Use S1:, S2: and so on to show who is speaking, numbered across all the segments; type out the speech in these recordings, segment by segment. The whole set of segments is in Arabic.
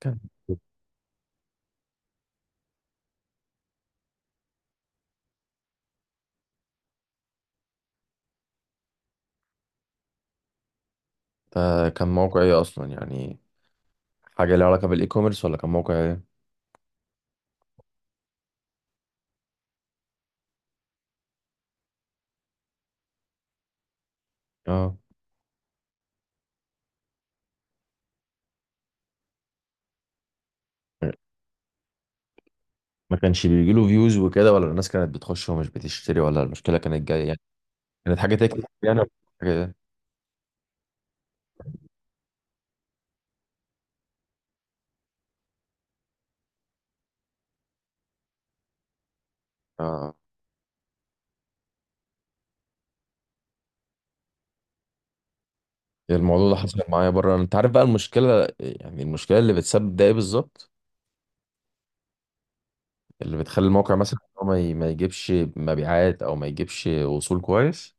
S1: كان كان موقع ايه اصلا يعني، حاجه ليها علاقه بالاي كوميرس ولا كان موقع ايه؟ اه، ما كانش بيجي له فيوز وكده، ولا الناس كانت بتخش ومش بتشتري، ولا المشكله كانت جايه يعني، كانت حاجه تكتب يعني. حاجه ايه؟ اه. إيه الموضوع ده حصل معايا بره، انت عارف بقى المشكله، يعني المشكله اللي بتسبب ده ايه بالظبط، اللي بتخلي الموقع مثلا إن هو ما يجيبش مبيعات او ما يجيبش وصول كويس؟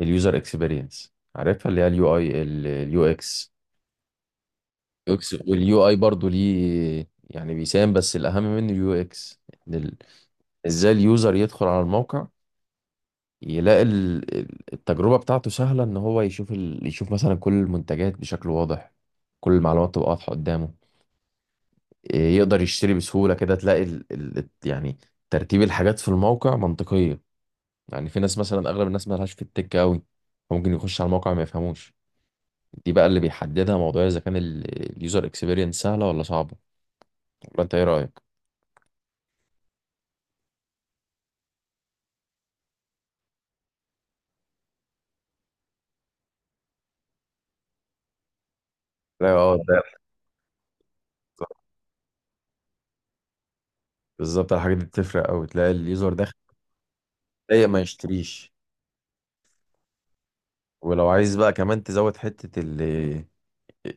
S1: اليوزر اكسبيرينس، عارفها اللي هي اليو اي اليو اكس، UX. واليو اي برضو ليه يعني، بيساهم، بس الاهم منه اليو اكس. إن ازاي اليوزر يدخل على الموقع، يلاقي التجربة بتاعته سهلة، ان هو يشوف يشوف مثلا كل المنتجات بشكل واضح، كل المعلومات تبقى واضحة قدامه، إيه، يقدر يشتري بسهولة، كده تلاقي يعني ترتيب الحاجات في الموقع منطقية. يعني في ناس مثلا، اغلب الناس مالهاش في التك قوي، فممكن يخش على الموقع ما يفهموش. دي بقى اللي بيحددها، موضوع اذا كان اليوزر اكسبيرينس سهلة ولا صعبة، ولا انت ايه رأيك؟ لا اه، بالظبط، الحاجات دي بتفرق قوي، تلاقي اليوزر داخل ضايق ما يشتريش. ولو عايز بقى كمان تزود حتة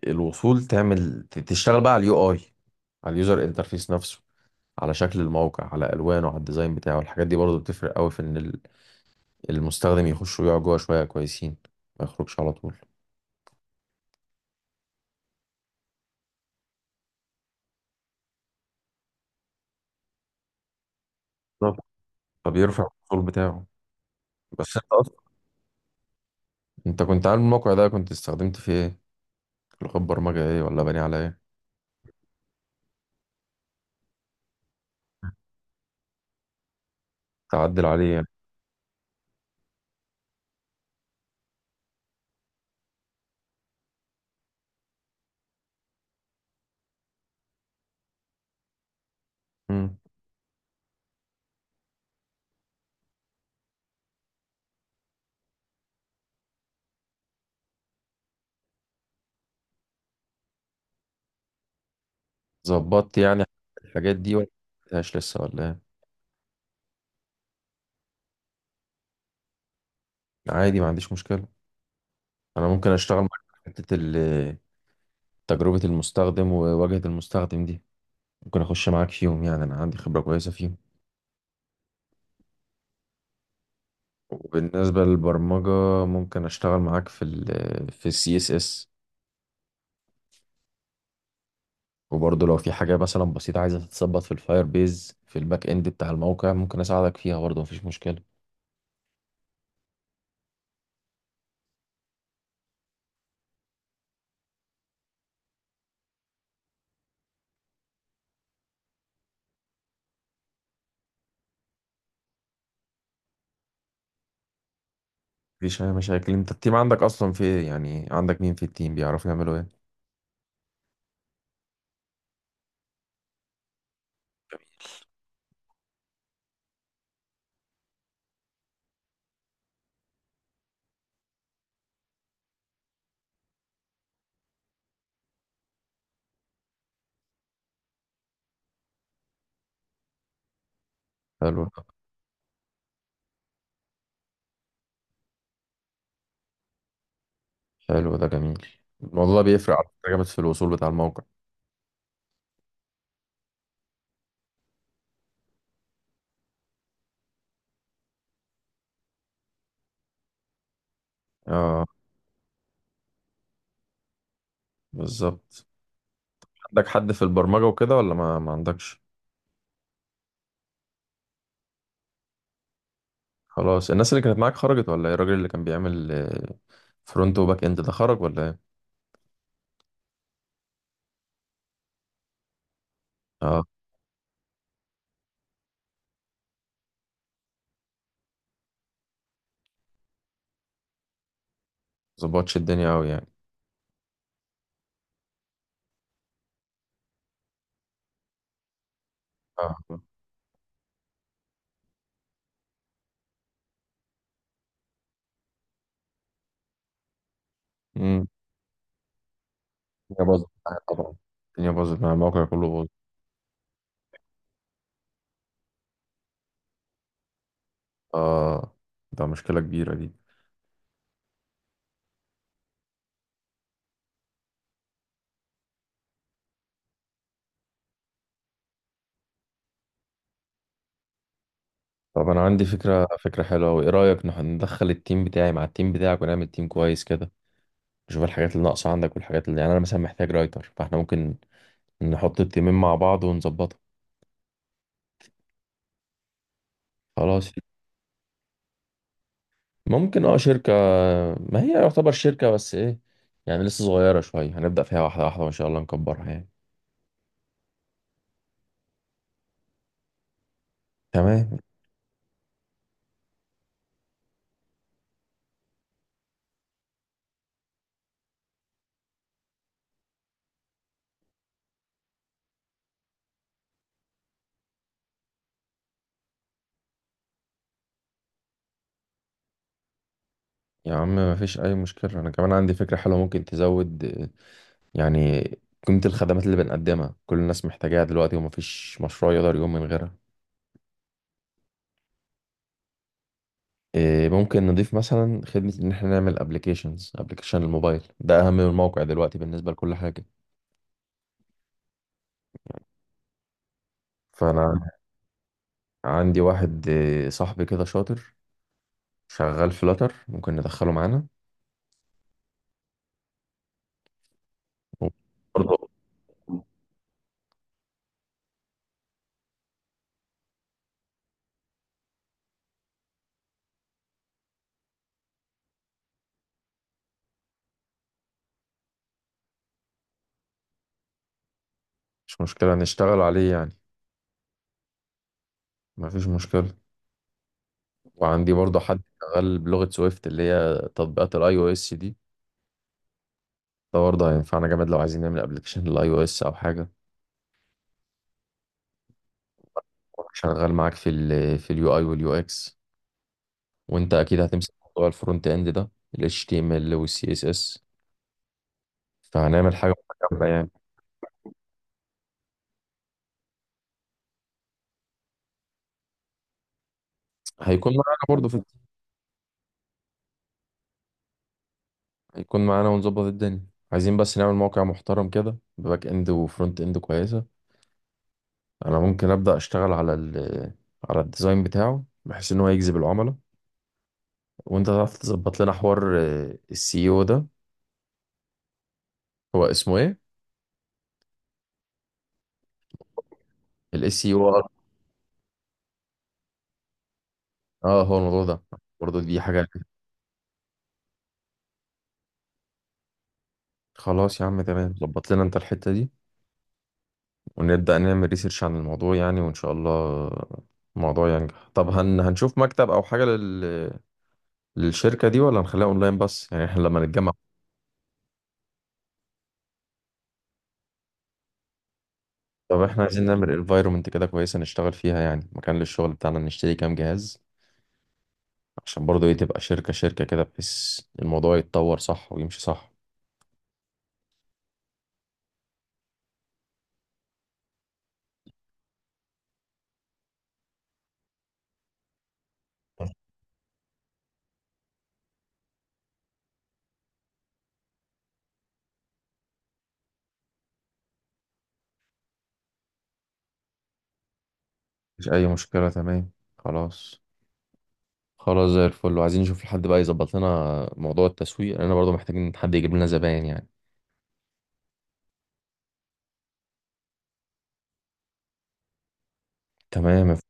S1: الوصول، تعمل تشتغل بقى على اليو اي، على اليوزر انترفيس نفسه، على شكل الموقع، على الوانه، على الديزاين بتاعه، الحاجات دي برضه بتفرق قوي في ان المستخدم يخش ويقعد جوه شوية كويسين، ما يخرجش على طول. بالظبط، فبيرفع الوصول بتاعه. بس انت اصلا، انت كنت عامل الموقع ده، كنت استخدمت فيه ايه؟ لغة برمجة ايه، ولا بني على ايه؟ تعدل عليه يعني. مم. ظبطت يعني الحاجات دي ولا مش لسه ولا ايه؟ عادي، ما عنديش مشكلة. انا ممكن اشتغل معاك في حتة تجربة المستخدم وواجهة المستخدم دي، ممكن اخش معاك فيهم يعني، انا عندي خبرة كويسة فيهم. وبالنسبة للبرمجة، ممكن اشتغل معاك في ال، في السي اس اس. وبرضه لو في حاجة مثلا بسيطة عايزة تتظبط في الفاير بيز، في الباك اند بتاع الموقع، ممكن اساعدك فيها برضه، مفيش مشكلة. مفيش اي مشاكل. انت التيم عندك اصلا في ايه يعني، عندك مين في التيم، بيعرفوا يعملوا ايه؟ حلو. حلو، ده جميل. الموضوع ده بيفرق على فكرة جامد في الوصول بتاع الموقع. اه بالظبط. عندك حد في البرمجة وكده ولا ما عندكش؟ خلاص، الناس اللي كانت معاك خرجت ولا ايه؟ الراجل اللي كان بيعمل فرونت وباك اند ده خرج ولا ايه؟ اه. ظبطش الدنيا قوي يعني؟ اه. امم الدنيا باظت معايا طبعا، الدنيا باظت، مع الموقع كله باظ. اه. ده مشكلة كبيرة دي. طب انا عندي فكرة حلوة، وايه رأيك ندخل التيم بتاعي مع التيم بتاعك، ونعمل تيم كويس كده، نشوف الحاجات اللي ناقصة عندك، والحاجات اللي يعني انا مثلا محتاج رايتر، فاحنا ممكن نحط التيمين مع بعض ونظبطها. خلاص. ممكن اه، شركة. ما هي يعتبر شركة، بس ايه، يعني لسه صغيرة شوية، هنبدأ فيها واحدة واحدة، وان شاء الله نكبرها يعني. تمام يا عم، ما فيش اي مشكلة. انا كمان عندي فكرة حلوة، ممكن تزود يعني قيمة الخدمات اللي بنقدمها، كل الناس محتاجاها دلوقتي، وما فيش مشروع يقدر يقوم من غيرها. إيه، ممكن نضيف مثلا خدمة ان احنا نعمل ابلكيشنز، ابلكيشن الموبايل ده اهم من الموقع دلوقتي بالنسبة لكل حاجة. فانا عندي واحد صاحبي كده شاطر، شغال فلاتر، ممكن ندخله معانا. برضه مش مشكلة نشتغل عليه يعني، مفيش مشكلة. وعندي برضه حد شغال بلغة سويفت، اللي هي تطبيقات الاي او اس دي، ده برضه هينفعنا جامد لو عايزين نعمل ابلكيشن للاي او اس او حاجة. شغال معاك في ال، في اليو اي واليو اكس، وانت اكيد هتمسك موضوع الفرونت اند ده، ال HTML وال CSS، فهنعمل حاجة متكاملة يعني. هيكون معانا برضه في، هيكون معانا ونظبط الدنيا. عايزين بس نعمل موقع محترم كده، بباك اند وفرونت اند كويسة. انا ممكن ابدا اشتغل على ال، على الديزاين بتاعه، بحيث ان هو يجذب العملاء، وانت تعرف تظبط لنا حوار السي او ده. هو اسمه ايه، الاس سي او؟ اه. آه، هو الموضوع ده برضه، دي حاجه. خلاص يا عم، تمام، ظبط لنا انت الحته دي، ونبدا نعمل ريسيرش عن الموضوع يعني، وان شاء الله الموضوع ينجح. طب هنشوف مكتب او حاجه للشركه دي، ولا هنخليها اونلاين بس يعني، احنا لما نتجمع؟ طب احنا عايزين نعمل انفايرومنت كده كويسه نشتغل فيها يعني، مكان للشغل بتاعنا، نشتري كام جهاز، عشان برضو ايه، تبقى شركة، شركة كده، بحيث الموضوع يتطور صح ويمشي صح. مفيش أي مشكلة، تمام. خلاص. خلاص زي الفل. وعايزين نشوف لحد بقى يظبط لنا موضوع التسويق، لأننا برضو محتاجين حد يجيب لنا زباين يعني. تمام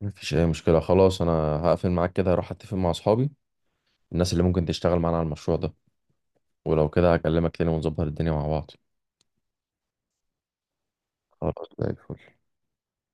S1: مفيش أي مشكلة، خلاص. أنا هقفل معاك كده، هروح أتفق مع أصحابي، الناس اللي ممكن تشتغل معانا على المشروع ده، ولو كده هكلمك تاني ونظبط الدنيا مع بعض. خلاص زي الفل.